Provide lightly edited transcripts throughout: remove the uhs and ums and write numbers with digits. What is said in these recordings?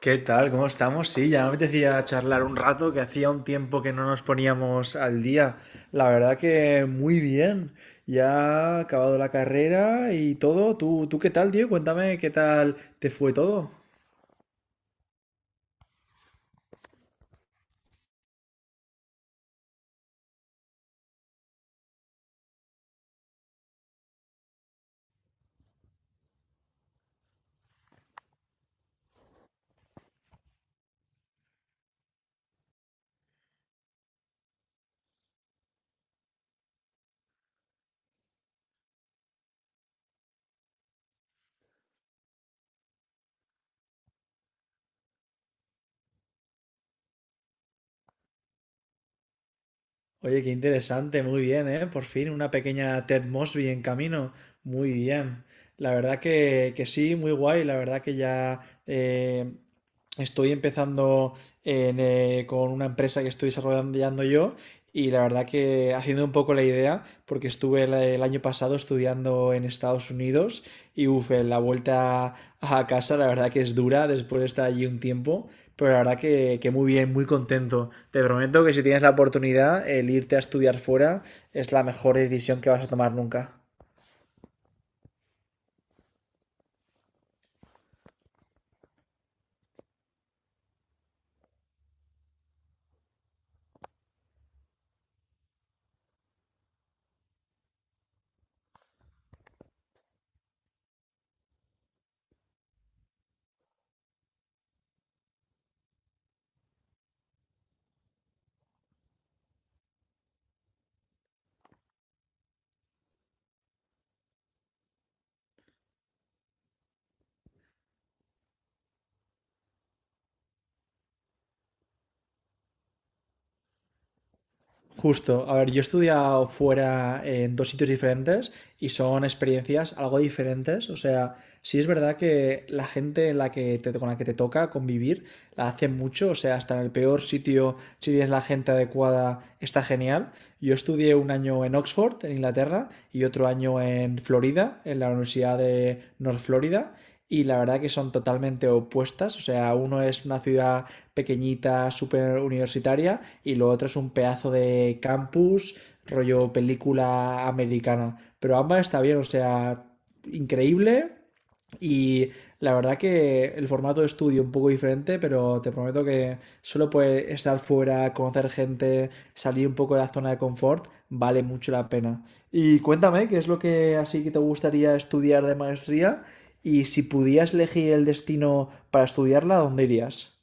¿Qué tal? ¿Cómo estamos? Sí, ya me apetecía charlar un rato, que hacía un tiempo que no nos poníamos al día. La verdad que muy bien. Ya ha acabado la carrera y todo. ¿Tú qué tal, tío? Cuéntame qué tal te fue todo. Oye, qué interesante, muy bien, ¿eh? Por fin, una pequeña Ted Mosby en camino, muy bien. La verdad que sí, muy guay, la verdad que ya eh, estoy empezando con una empresa que estoy desarrollando yo y la verdad que haciendo un poco la idea, porque estuve el año pasado estudiando en Estados Unidos y uff, la vuelta a casa la verdad que es dura después de estar allí un tiempo, pero la verdad que muy bien, muy contento. Te prometo que si tienes la oportunidad, el irte a estudiar fuera es la mejor decisión que vas a tomar nunca. Justo, a ver, yo he estudiado fuera en dos sitios diferentes y son experiencias algo diferentes, o sea, sí es verdad que la gente en la que con la que te toca convivir la hace mucho, o sea, hasta en el peor sitio, si tienes la gente adecuada, está genial. Yo estudié un año en Oxford, en Inglaterra, y otro año en Florida, en la Universidad de North Florida, y la verdad que son totalmente opuestas, o sea, uno es una ciudad pequeñita, súper universitaria, y lo otro es un pedazo de campus, rollo película americana. Pero ambas está bien, o sea, increíble. Y la verdad que el formato de estudio un poco diferente, pero te prometo que solo puede estar fuera, conocer gente, salir un poco de la zona de confort, vale mucho la pena. Y cuéntame, ¿qué es lo que así que te gustaría estudiar de maestría? Y si pudieras elegir el destino para estudiarla, ¿a dónde irías?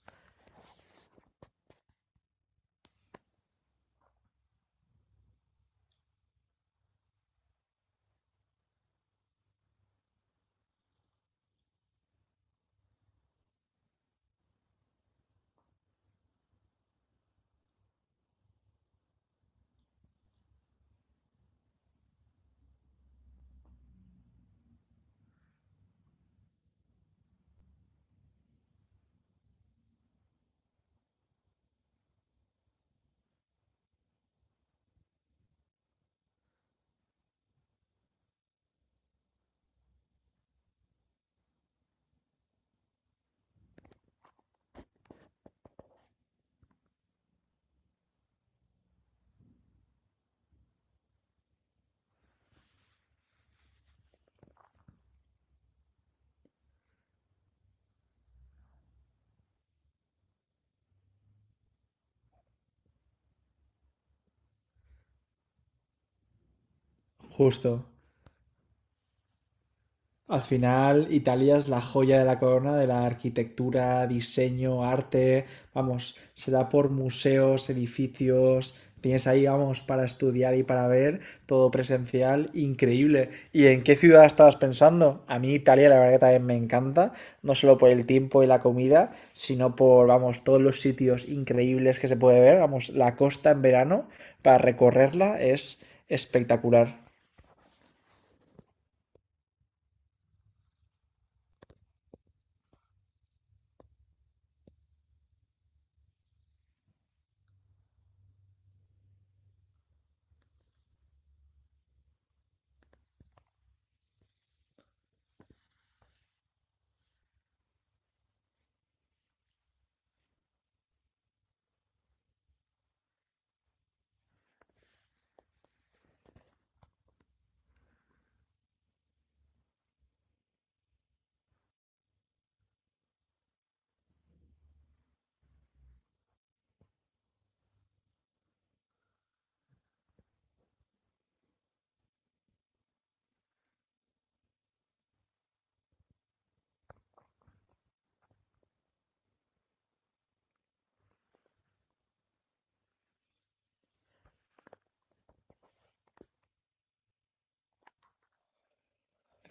Justo. Al final, Italia es la joya de la corona de la arquitectura, diseño, arte. Vamos, se da por museos, edificios. Tienes ahí, vamos, para estudiar y para ver todo presencial, increíble. ¿Y en qué ciudad estabas pensando? A mí Italia, la verdad que también me encanta, no solo por el tiempo y la comida, sino por, vamos, todos los sitios increíbles que se puede ver. Vamos, la costa en verano, para recorrerla es espectacular.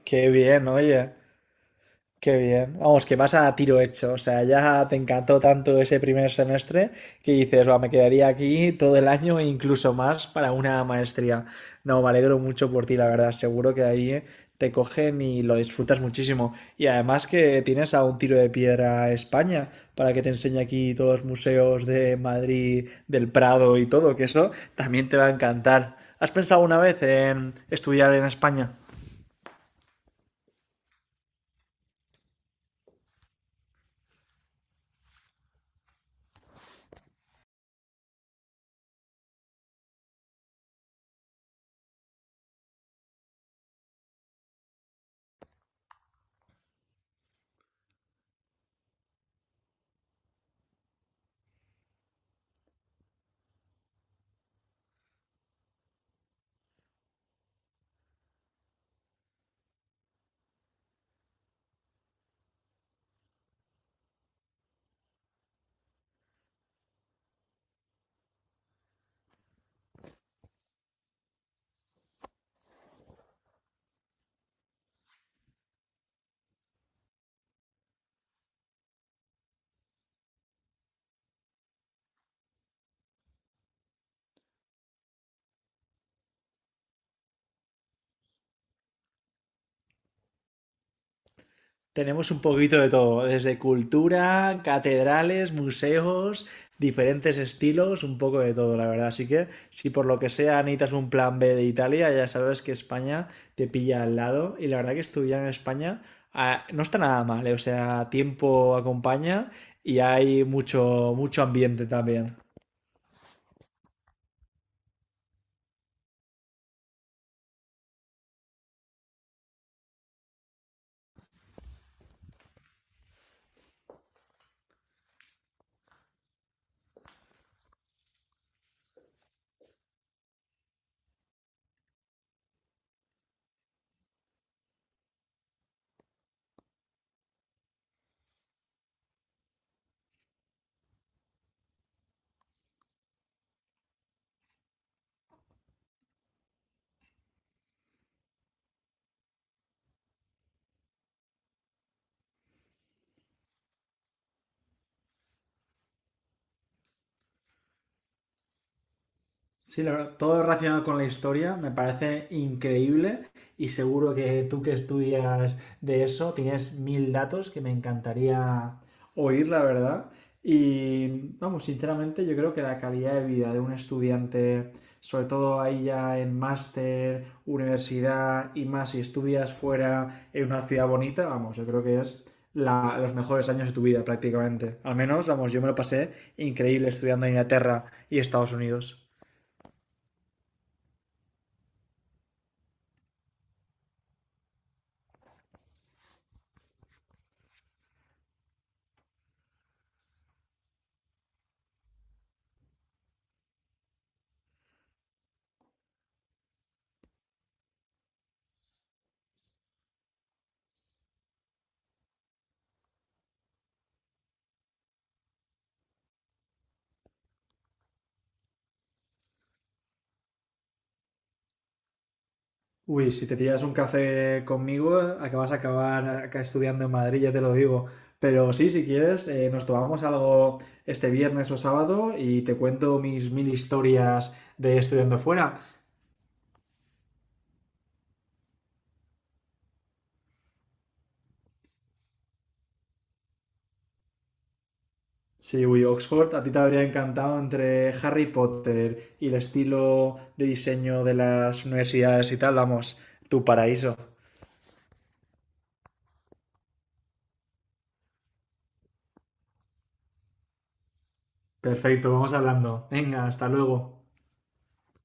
Qué bien, oye. Qué bien. Vamos, que vas a tiro hecho. O sea, ya te encantó tanto ese primer semestre que dices, va, me quedaría aquí todo el año e incluso más para una maestría. No, me alegro mucho por ti, la verdad. Seguro que ahí te cogen y lo disfrutas muchísimo. Y además que tienes a un tiro de piedra a España para que te enseñe aquí todos los museos de Madrid, del Prado y todo, que eso también te va a encantar. ¿Has pensado una vez en estudiar en España? Tenemos un poquito de todo, desde cultura, catedrales, museos, diferentes estilos, un poco de todo, la verdad. Así que si por lo que sea necesitas un plan B de Italia, ya sabes que España te pilla al lado. Y la verdad que estudiar en España ah, no está nada mal, ¿eh? O sea, tiempo acompaña y hay mucho ambiente también. Sí, la verdad, todo relacionado con la historia me parece increíble y seguro que tú que estudias de eso tienes mil datos que me encantaría oír, la verdad. Y vamos, sinceramente yo creo que la calidad de vida de un estudiante, sobre todo ahí ya en máster, universidad y más si estudias fuera en una ciudad bonita, vamos, yo creo que es los mejores años de tu vida prácticamente. Al menos, vamos, yo me lo pasé increíble estudiando en Inglaterra y Estados Unidos. Uy, si te pillas un café conmigo, acabas a acabar acá estudiando en Madrid, ya te lo digo. Pero sí, si quieres, nos tomamos algo este viernes o sábado y te cuento mis mil historias de estudiando fuera. Sí, uy, Oxford, a ti te habría encantado entre Harry Potter y el estilo de diseño de las universidades y tal, vamos, tu paraíso. Perfecto, vamos hablando. Venga, hasta luego.